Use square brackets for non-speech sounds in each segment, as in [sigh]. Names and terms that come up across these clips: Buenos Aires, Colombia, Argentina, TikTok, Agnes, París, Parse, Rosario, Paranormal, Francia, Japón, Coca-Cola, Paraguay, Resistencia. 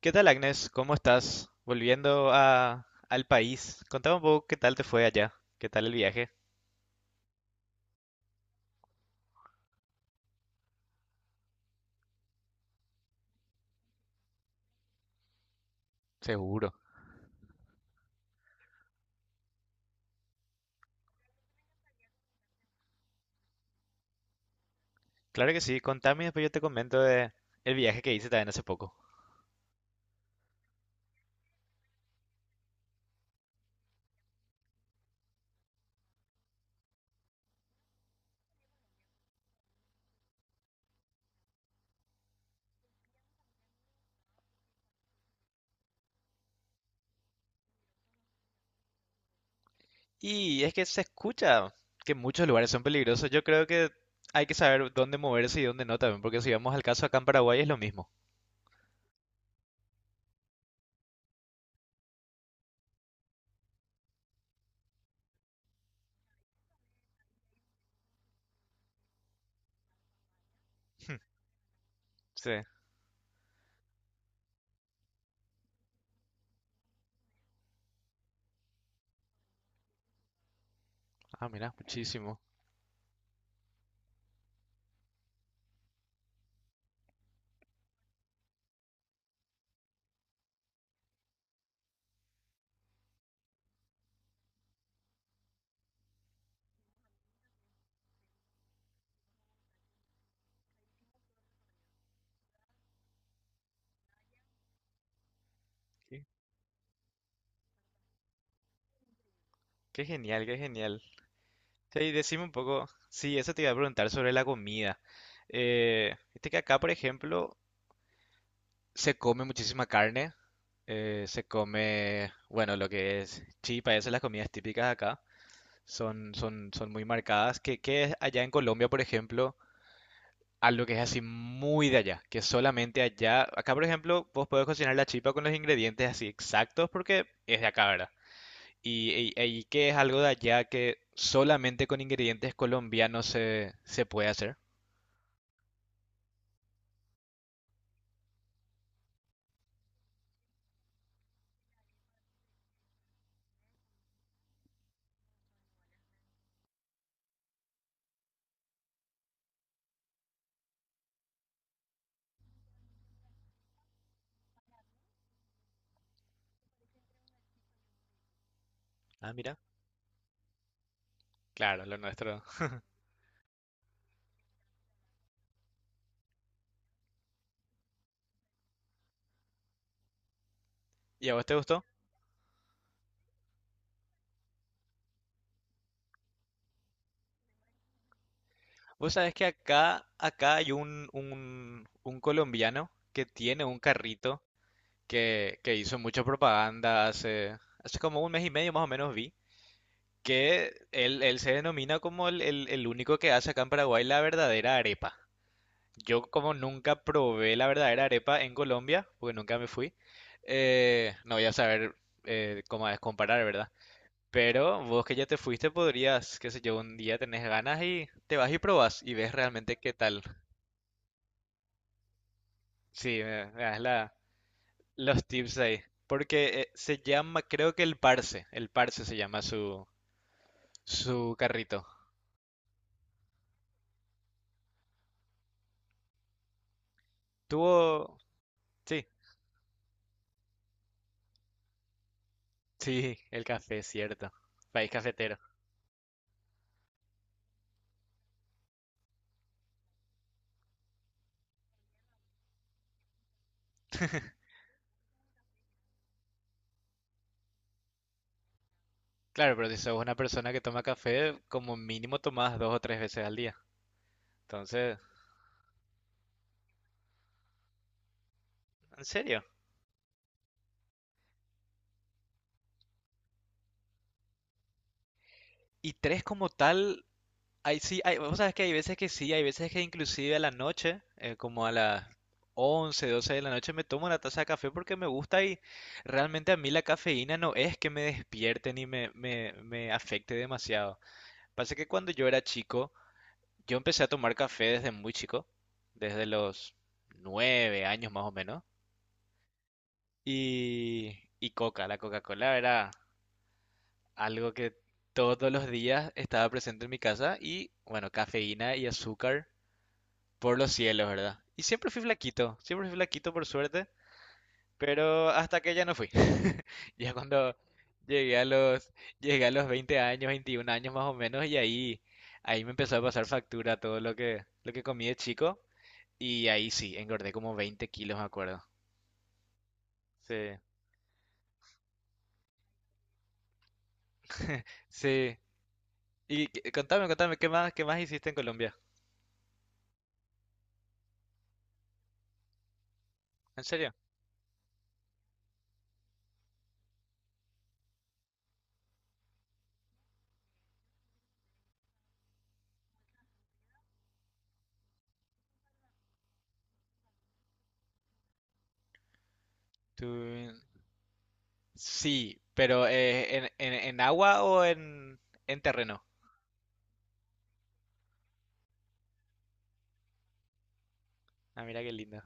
¿Qué tal, Agnes? ¿Cómo estás? Volviendo al país. Contame un poco qué tal te fue allá. ¿Qué tal el viaje? Seguro. Claro que sí. Contame y después yo te comento de el viaje que hice también hace poco. Y es que se escucha que muchos lugares son peligrosos. Yo creo que hay que saber dónde moverse y dónde no también, porque si vamos al caso acá en Paraguay es lo mismo. Sí. Ah, mira, muchísimo. Qué, qué genial, qué genial. Sí, y decime un poco. Sí, eso te iba a preguntar sobre la comida. Viste que acá, por ejemplo, se come muchísima carne, se come, bueno, lo que es chipa, esas las comidas típicas de acá, son muy marcadas, que es allá en Colombia, por ejemplo, algo que es así muy de allá, que solamente allá, acá por ejemplo, vos podés cocinar la chipa con los ingredientes así exactos porque es de acá, ¿verdad? Y que es algo de allá que solamente con ingredientes colombianos se puede hacer. Ah, mira. Claro, lo nuestro. ¿Y a vos te gustó? Vos sabés que acá hay un colombiano que tiene un carrito que hizo mucha propaganda hace como un mes y medio más o menos vi, que él se denomina como el único que hace acá en Paraguay la verdadera arepa. Yo como nunca probé la verdadera arepa en Colombia, porque nunca me fui, no voy a saber cómo es comparar, ¿verdad? Pero vos que ya te fuiste podrías, qué sé yo, un día tenés ganas y te vas y probás y ves realmente qué tal. Sí, me das los tips ahí. Porque se llama, creo que el Parse se llama su carrito. Tuvo, sí, sí, el café, cierto. País cafetero. Claro, pero si sos una persona que toma café, como mínimo tomás 2 o 3 veces al día. Entonces, en serio. Y tres como tal, hay, sí, hay, vos sabés que hay veces que sí, hay veces que inclusive a la noche, como a las 11 12 de la noche, me tomo una taza de café porque me gusta y realmente a mí la cafeína no es que me despierte ni me afecte demasiado. Pasa que cuando yo era chico, yo empecé a tomar café desde muy chico, desde los 9 años más o menos, y la Coca-Cola era algo que todos los días estaba presente en mi casa y bueno, cafeína y azúcar. Por los cielos, ¿verdad? Y siempre fui flaquito por suerte, pero hasta que ya no fui. [laughs] Ya cuando llegué a los, llegué a los 20 años, 21 años más o menos, y ahí me empezó a pasar factura todo lo que comí de chico, y ahí sí, engordé como 20 kilos, me acuerdo. Sí, sí. Contame, qué más hiciste en Colombia? ¿En serio? Tú- Sí, pero ¿en, en agua o en terreno? Ah, mira qué lindo.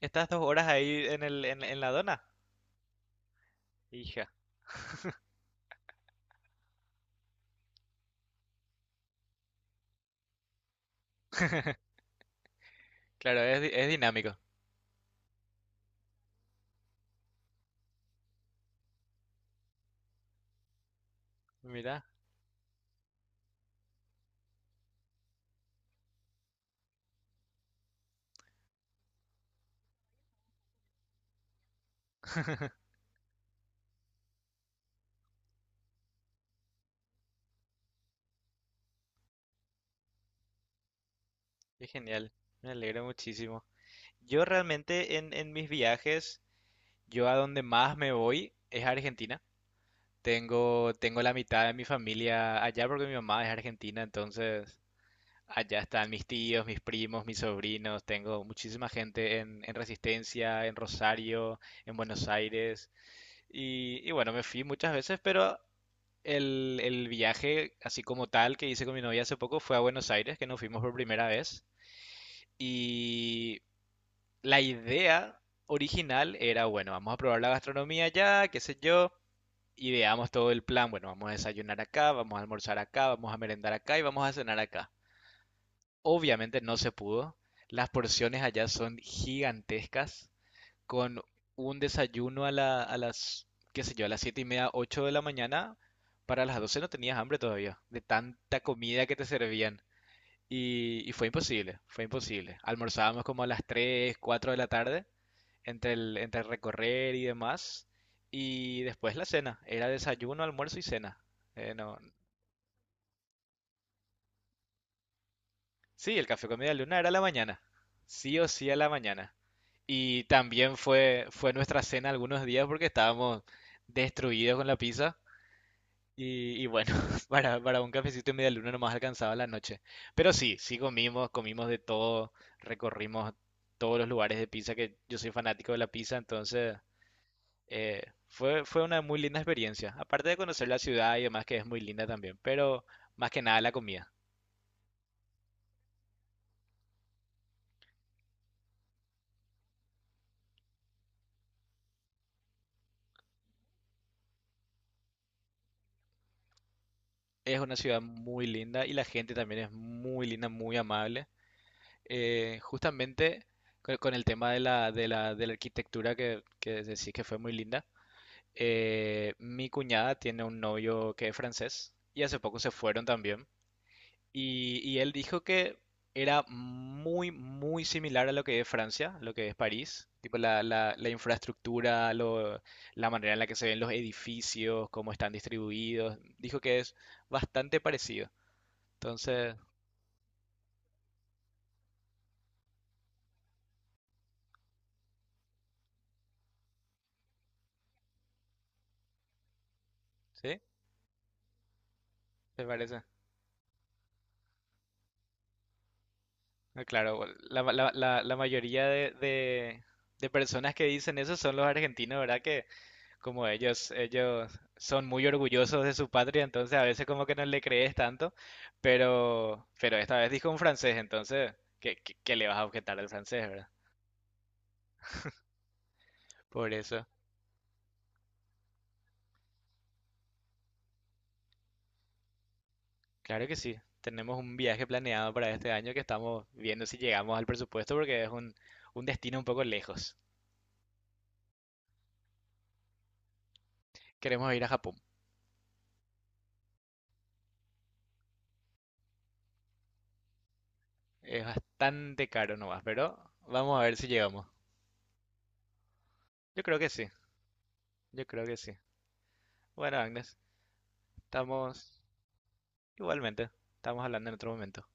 Estás 2 horas ahí en la dona. Hija. Claro, es, es dinámico. Mira, [laughs] qué genial. Me alegro muchísimo. Yo realmente en mis viajes, yo a donde más me voy es a Argentina. Tengo la mitad de mi familia allá porque mi mamá es argentina, entonces allá están mis tíos, mis primos, mis sobrinos. Tengo muchísima gente en Resistencia, en Rosario, en Buenos Aires. Y bueno, me fui muchas veces, pero el viaje, así como tal, que hice con mi novia hace poco fue a Buenos Aires, que nos fuimos por primera vez. Y la idea original era, bueno, vamos a probar la gastronomía allá, qué sé yo. Ideamos todo el plan, bueno, vamos a desayunar acá, vamos a almorzar acá, vamos a merendar acá y vamos a cenar acá. Obviamente no se pudo. Las porciones allá son gigantescas con un desayuno a la, qué sé yo, a las siete y media, ocho de la mañana; para las 12 no tenías hambre todavía, de tanta comida que te servían. Y fue imposible, fue imposible. Almorzábamos como a las tres, 4 de la tarde, entre el recorrer y demás. Y después la cena, era desayuno, almuerzo y cena. No, sí, el café con media luna era a la mañana. Sí o sí a la mañana. Y también fue nuestra cena algunos días porque estábamos destruidos con la pizza. Y bueno, [laughs] para un cafecito y media luna no nomás alcanzaba la noche. Pero sí, sí comimos, de todo, recorrimos todos los lugares de pizza, que yo soy fanático de la pizza, entonces eh, fue una muy linda experiencia. Aparte de conocer la ciudad y demás, que es muy linda también, pero más que nada la comida. Es una ciudad muy linda y la gente también es muy linda, muy amable. Justamente con el tema de la, de la arquitectura que decís que fue muy linda, mi cuñada tiene un novio que es francés y hace poco se fueron también. Y él dijo que era muy, muy similar a lo que es Francia, lo que es París. Tipo la infraestructura, la manera en la que se ven los edificios, cómo están distribuidos. Dijo que es bastante parecido. Entonces, ¿sí? ¿Te parece? Ah, claro, la mayoría de personas que dicen eso son los argentinos, ¿verdad? Que como ellos son muy orgullosos de su patria, entonces a veces como que no le crees tanto, pero esta vez dijo un francés, entonces ¿qué le vas a objetar al francés? ¿Verdad? Por eso, claro que sí, tenemos un viaje planeado para este año que estamos viendo si llegamos al presupuesto porque es un destino un poco lejos. Queremos ir a Japón. Es bastante caro nomás, pero vamos a ver si llegamos. Yo creo que sí, yo creo que sí. Bueno, Agnes, estamos igualmente, estamos hablando en otro momento.